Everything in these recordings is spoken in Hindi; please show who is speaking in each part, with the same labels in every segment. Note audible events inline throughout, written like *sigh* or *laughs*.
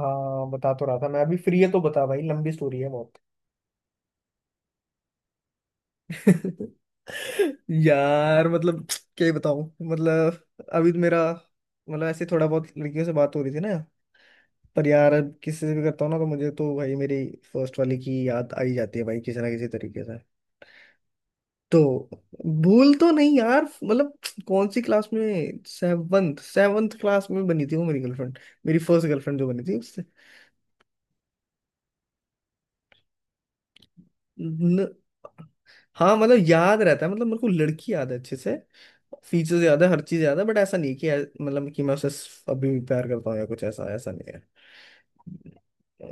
Speaker 1: हाँ बता तो रहा था मैं। अभी फ्री है तो बता भाई। लंबी स्टोरी है बहुत। *laughs* यार मतलब क्या ही बताऊं। मतलब अभी तो मेरा मतलब ऐसे थोड़ा बहुत लड़कियों से बात हो रही थी ना। पर यार अब किसी से भी करता हूँ ना तो मुझे तो भाई मेरी फर्स्ट वाली की याद आ ही जाती है भाई किसी ना किसी तरीके से। तो भूल तो नहीं यार मतलब। कौन सी क्लास में सेवन्थ सेवन्थ क्लास में बनी थी वो मेरी गर्लफ्रेंड। मेरी फर्स्ट गर्लफ्रेंड जो बनी थी। न- हाँ मतलब याद रहता है। मतलब मेरे को लड़की याद है अच्छे से। फीचर्स याद है, हर चीज याद है। बट ऐसा नहीं कि मतलब कि मैं उसे अभी भी प्यार करता हूँ या कुछ ऐसा ऐसा नहीं है।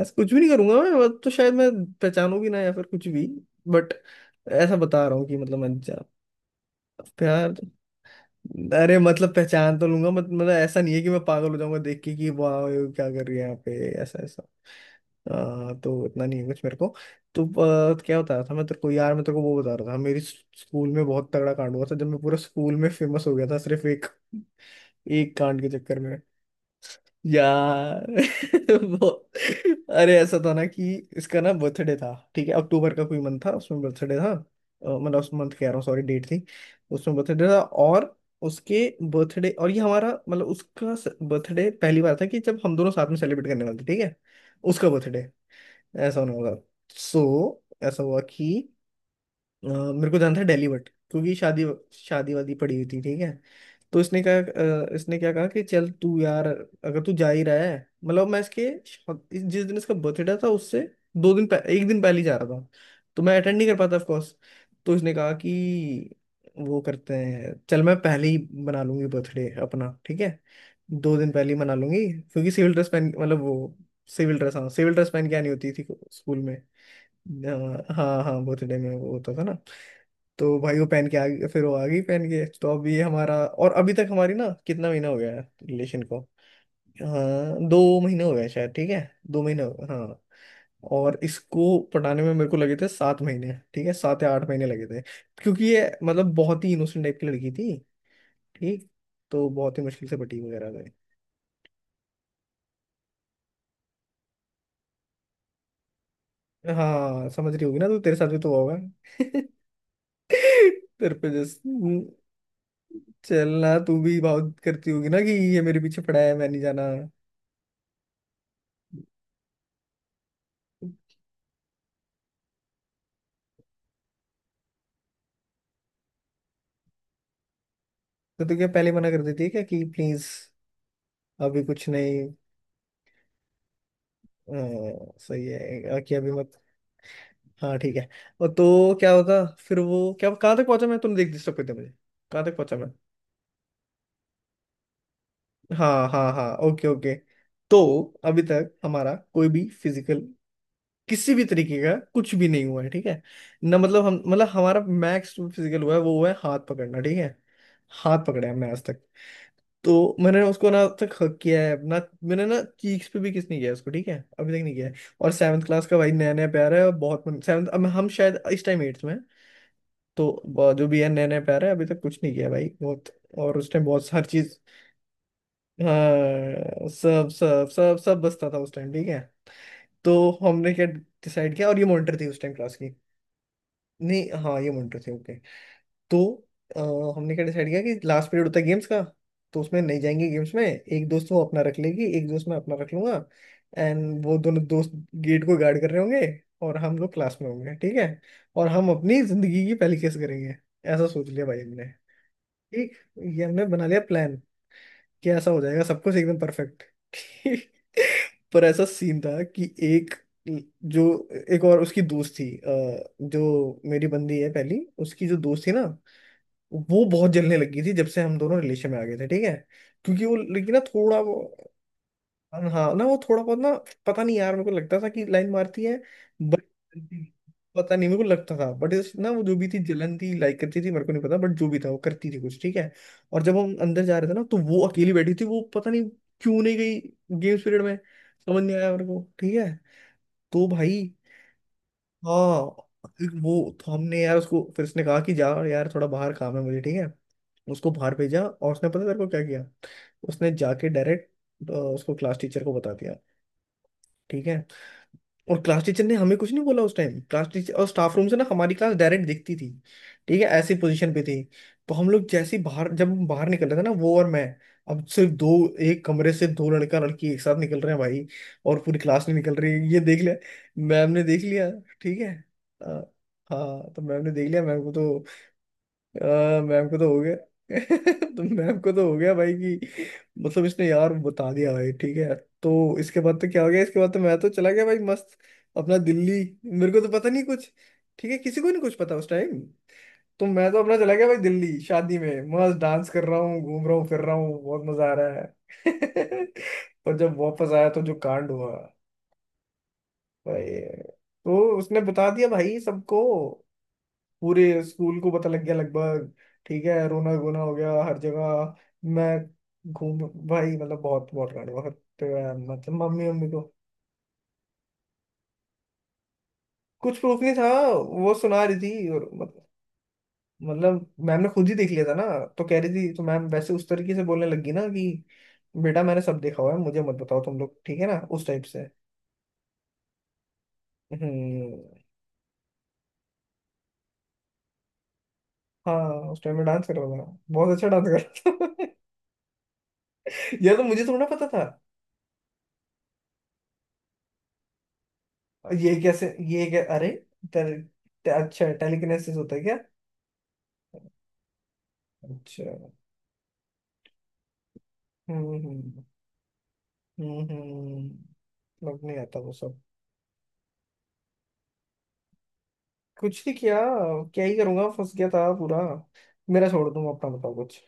Speaker 1: ऐसा कुछ भी नहीं करूंगा मैं। अब तो शायद मैं पहचानू भी ना या फिर कुछ भी। बट ऐसा बता रहा हूँ कि मतलब मैं प्यार। अरे मतलब पहचान तो लूंगा। मत, मतलब ऐसा नहीं है कि मैं पागल हो जाऊंगा देख के कि वाह ये क्या कर रही है यहाँ पे ऐसा ऐसा। तो इतना नहीं है कुछ मेरे को। तो क्या बता रहा था मैं तेरे को यार। मैं तेरे को वो बता रहा था मेरी स्कूल में बहुत तगड़ा कांड हुआ था जब मैं पूरा स्कूल में फेमस हो गया था सिर्फ एक एक कांड के चक्कर में। यार *laughs* वो अरे ऐसा था ना कि इसका ना बर्थडे था ठीक है। अक्टूबर का कोई मंथ था, उसमें बर्थडे था। मतलब उस मंथ कह रहा हूँ, सॉरी डेट थी। उसमें बर्थडे था और उसके बर्थडे और ये हमारा मतलब उसका बर्थडे पहली बार था कि जब हम दोनों साथ में सेलिब्रेट करने वाले थे ठीक है। उसका बर्थडे ऐसा होने वाला। सो ऐसा हुआ कि मेरे को जाना था दिल्ली। बट क्योंकि शादी शादी वादी पड़ी हुई थी ठीक है। तो इसने कहा। इसने क्या कहा कि चल तू यार, अगर तू जा ही रहा है। मतलब मैं इसके जिस दिन इसका बर्थडे था उससे एक दिन पहले ही जा रहा था। तो मैं अटेंड नहीं कर पाता ऑफ कोर्स। तो इसने कहा कि वो करते हैं चल मैं पहले ही मना लूंगी बर्थडे अपना ठीक है। 2 दिन पहले ही मना लूंगी क्योंकि सिविल ड्रेस पहन मतलब वो सिविल ड्रेस, हाँ सिविल ड्रेस पहन के आनी होती थी स्कूल में। हाँ हाँ बर्थडे में वो होता था ना। तो भाई वो पहन के आ गई। फिर वो आ गई पहन के, तो अभी हमारा और अभी तक हमारी ना कितना महीना हो गया है रिलेशन को। हाँ 2 महीने हो गए शायद ठीक है। 2 महीने हो गए, हाँ। और इसको पटाने में मेरे को लगे थे 7 महीने ठीक है 7 या 8 महीने लगे थे। क्योंकि ये मतलब बहुत ही इनोसेंट टाइप की लड़की थी। ठीक। तो बहुत ही मुश्किल से पटी वगैरह गए। हाँ समझ रही होगी ना तू, तेरे साथ भी तो हुआ होगा। *laughs* तेरे पे जस्ट चलना तू भी बहुत करती होगी ना कि ये मेरे पीछे पड़ा है मैं नहीं जाना। तो तू क्या पहले मना कर देती है क्या कि प्लीज। अभी कुछ नहीं। सही है। कि अभी मत। हाँ ठीक है। और तो क्या होता, फिर वो क्या कहाँ तक पहुंचा मैं, तुमने देख डिस्टर्ब कर दिया मुझे। कहाँ तक पहुंचा मैं। हाँ हाँ हाँ, ओके ओके। तो अभी तक हमारा कोई भी फिजिकल किसी भी तरीके का कुछ भी नहीं हुआ है ठीक है। ना मतलब हम मतलब हमारा मैक्स फिजिकल हुआ है वो हुआ है हाथ पकड़ना ठीक है। हाथ पकड़े हमने आज तक। तो मैंने उसको ना अब तक हक किया है ना। मैंने ना चीक्स पे भी किस नहीं किया है उसको ठीक है अभी तक नहीं किया है। और सेवन्थ क्लास का भाई नया नया प्यार है और बहुत मन, सेवन्थ अब हम शायद इस टाइम एट्थ में हैं, तो जो भी है नया नया प्यार है अभी तक कुछ नहीं किया भाई बहुत। और उस टाइम बहुत हर चीज। हाँ सब सब सब सब बसता था उस टाइम ठीक है। तो हमने क्या डिसाइड किया, और ये मॉनिटर थी उस टाइम क्लास की। नहीं, हाँ ये मॉनिटर थी ओके। तो अ, हमने क्या डिसाइड किया कि लास्ट पीरियड होता है गेम्स का। तो उसमें नहीं जाएंगे गेम्स में। एक दोस्त वो अपना रख लेगी, एक दोस्त मैं अपना रख लूंगा। एंड वो दोनों दोस्त गेट को गार्ड कर रहे होंगे और हम लोग क्लास में होंगे ठीक है। और हम अपनी जिंदगी की पहली केस करेंगे। ऐसा सोच लिया भाई हमने। ठीक। ये हमने बना लिया प्लान कि ऐसा हो जाएगा सब कुछ एकदम परफेक्ट। ठीक। *laughs* पर ऐसा सीन था कि एक जो एक और उसकी दोस्त थी जो मेरी बंदी है पहली उसकी जो दोस्त थी ना। वो बहुत जलने लगी थी जब से हम दोनों रिलेशन में आ गए थे ठीक है। क्योंकि वो लेकिन ना थोड़ा वो। हाँ ना वो थोड़ा बहुत ना। पता नहीं यार, मेरे को लगता था कि लाइन मारती है। बट पता नहीं मेरे को लगता था बट। ना वो जो भी थी जलन थी, लाइक करती थी मेरे को नहीं पता, बट जो भी था वो करती थी कुछ ठीक है। और जब हम अंदर जा रहे थे ना तो वो अकेली बैठी थी। वो पता नहीं क्यों नहीं गई गेम्स पीरियड में। समझ नहीं आया मेरे को ठीक है। तो भाई। हाँ एक वो। तो हमने यार उसको, फिर उसने कहा कि जा यार थोड़ा बाहर काम है मुझे ठीक है। उसको बाहर भेजा, और उसने पता तेरे को क्या किया। उसने जाके डायरेक्ट उसको क्लास टीचर को बता दिया ठीक है। और क्लास टीचर ने हमें कुछ नहीं बोला उस टाइम। क्लास टीचर और स्टाफ रूम से ना हमारी क्लास डायरेक्ट दिखती थी ठीक है, ऐसी पोजीशन पे थी। तो हम लोग जैसे ही बाहर, जब हम बाहर निकल रहे थे ना, वो और मैं। अब सिर्फ दो, एक कमरे से दो लड़का लड़की एक साथ निकल रहे हैं भाई, और पूरी क्लास नहीं निकल रही है, ये देख लिया। मैम ने देख लिया ठीक है। अ, हाँ तो मैम ने देख लिया, मैम को तो मैम को तो हो गया। *laughs* तो मैम को तो हो गया भाई कि मतलब इसने यार बता दिया भाई ठीक है। तो इसके बाद तो क्या हो गया, इसके बाद तो मैं तो चला गया भाई मस्त अपना दिल्ली। मेरे को तो पता नहीं कुछ ठीक है, किसी को नहीं कुछ पता उस टाइम। तो मैं तो अपना चला गया भाई दिल्ली शादी में, मस्त डांस कर रहा हूँ घूम रहा हूँ फिर रहा हूँ, बहुत मजा आ रहा है। *laughs* और जब वापस आया तो जो कांड हुआ भाई। तो उसने बता दिया भाई सबको। पूरे स्कूल को पता लग गया लगभग ठीक है, रोना गोना हो गया हर जगह। मैं घूम भाई मतलब बहुत बहुत लड़ बहुत मतलब मम्मी मम्मी को, कुछ प्रूफ नहीं था। वो सुना रही थी और मतलब मैम ने खुद ही देख लिया था ना। तो कह रही थी, तो मैम वैसे उस तरीके से बोलने लगी ना कि बेटा मैंने सब देखा हुआ है मुझे मत बताओ तुम लोग ठीक है ना, उस टाइप से। हम्म, हाँ उस टाइम में डांस कर रहा था, बहुत अच्छा डांस कर रहा था। *laughs* यह तो मुझे थोड़ा पता था। ये कैसे, ये क्या अरे, टेल, अच्छा टेलीकिनेसिस होता है क्या। अच्छा। हम्म। हम्म हम्म, लग नहीं आता वो सब। कुछ नहीं किया। क्या ही करूंगा फंस गया था पूरा। मेरा छोड़, दूंगा अपना, बताओ कुछ।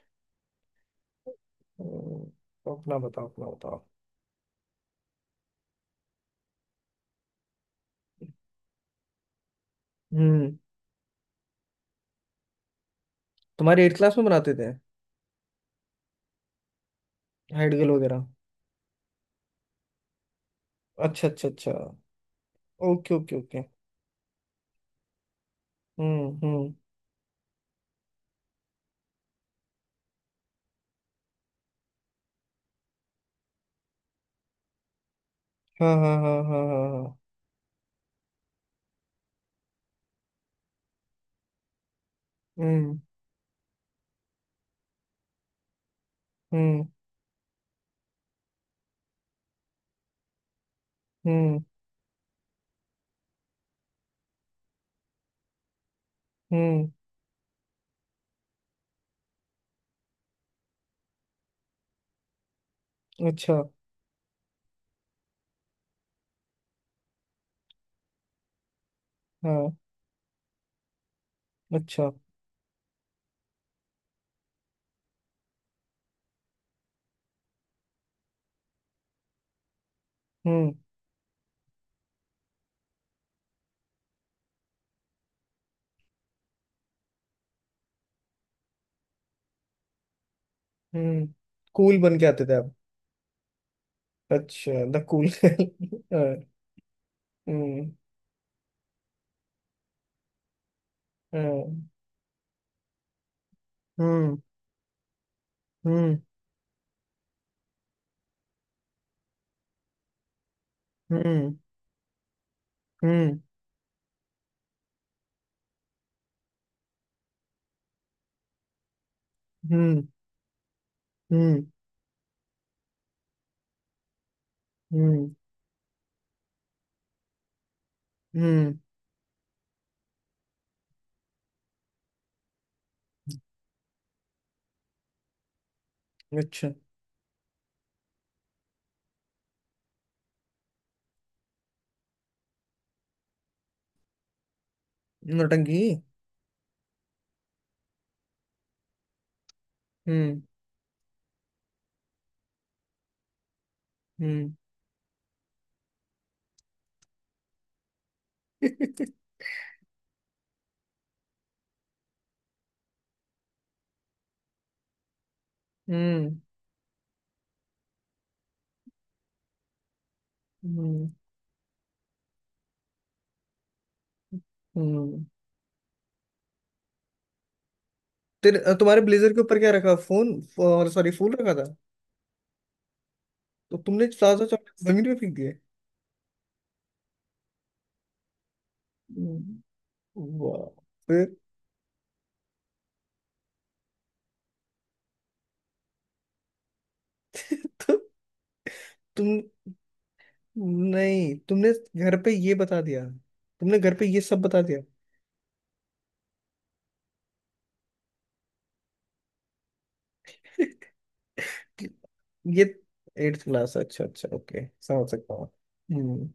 Speaker 1: अपना बताओ अपना बताओ। हम्म तुम्हारे एट क्लास में बनाते थे हाइड गेल वगैरह। अच्छा अच्छा अच्छा। Okay okay okay. हम्म। हाँ हाँ हाँ हाँ हाँ हाँ। हम्म हम्म हम्म हम्म। अच्छा। हाँ। अच्छा। हम्म हम्म। कूल बन के आते थे आप। अच्छा, द कूल। *laughs* हम्म हम्म, हाँ, हम्म हम्म हम्म हम्म, हम्म हम्म हम्म, अच्छा। नौटंकी। हम्म हम्म। *laughs* हम्म हम्म हम्म। तेरे तुम्हारे ब्लेजर के ऊपर क्या रखा, फोन। और सॉरी, फूल रखा था। तो तुमने ताजा चॉकलेट जमीन पे फेंक दिए। हम्म, वाह। फिर। तो तुम, नहीं तुमने घर पे ये बता दिया। तुमने घर पे ये सब बता दिया। *laughs* ये एट्थ क्लास अच्छा अच्छा ओके समझ सकता हूँ। हम्म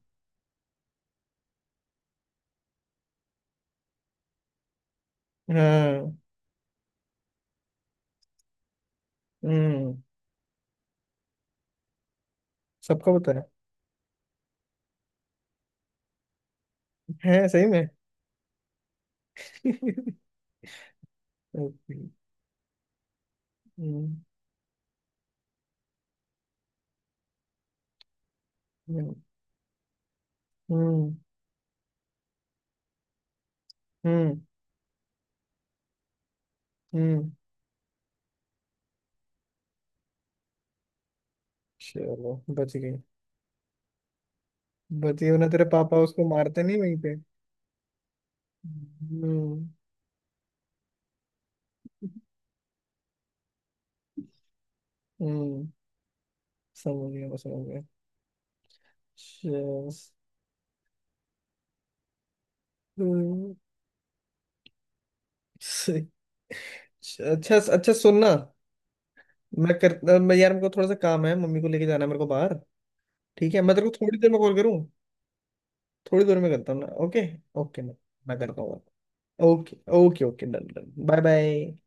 Speaker 1: हाँ। हम्म सबका पता है। है सही में। *laughs* ओके। हम्म हम्म हम्म हम्म, हम्म, चलो बच गई। बची वरना तेरे पापा उसको मारते नहीं वहीं पे। हम्म हम्म। समझ गया मैं समझ गया। चल, हम्म, से- अच्छा अच्छा सुनना। मैं यार मेरे को थोड़ा सा काम है, मम्मी को लेके जाना है मेरे को बाहर। ठीक है मैं तेरे को थोड़ी देर में कॉल करूँ। थोड़ी देर में करता हूँ ना, ओके। ओके मैं करता हूँ। Okay okay okay, done done, bye bye.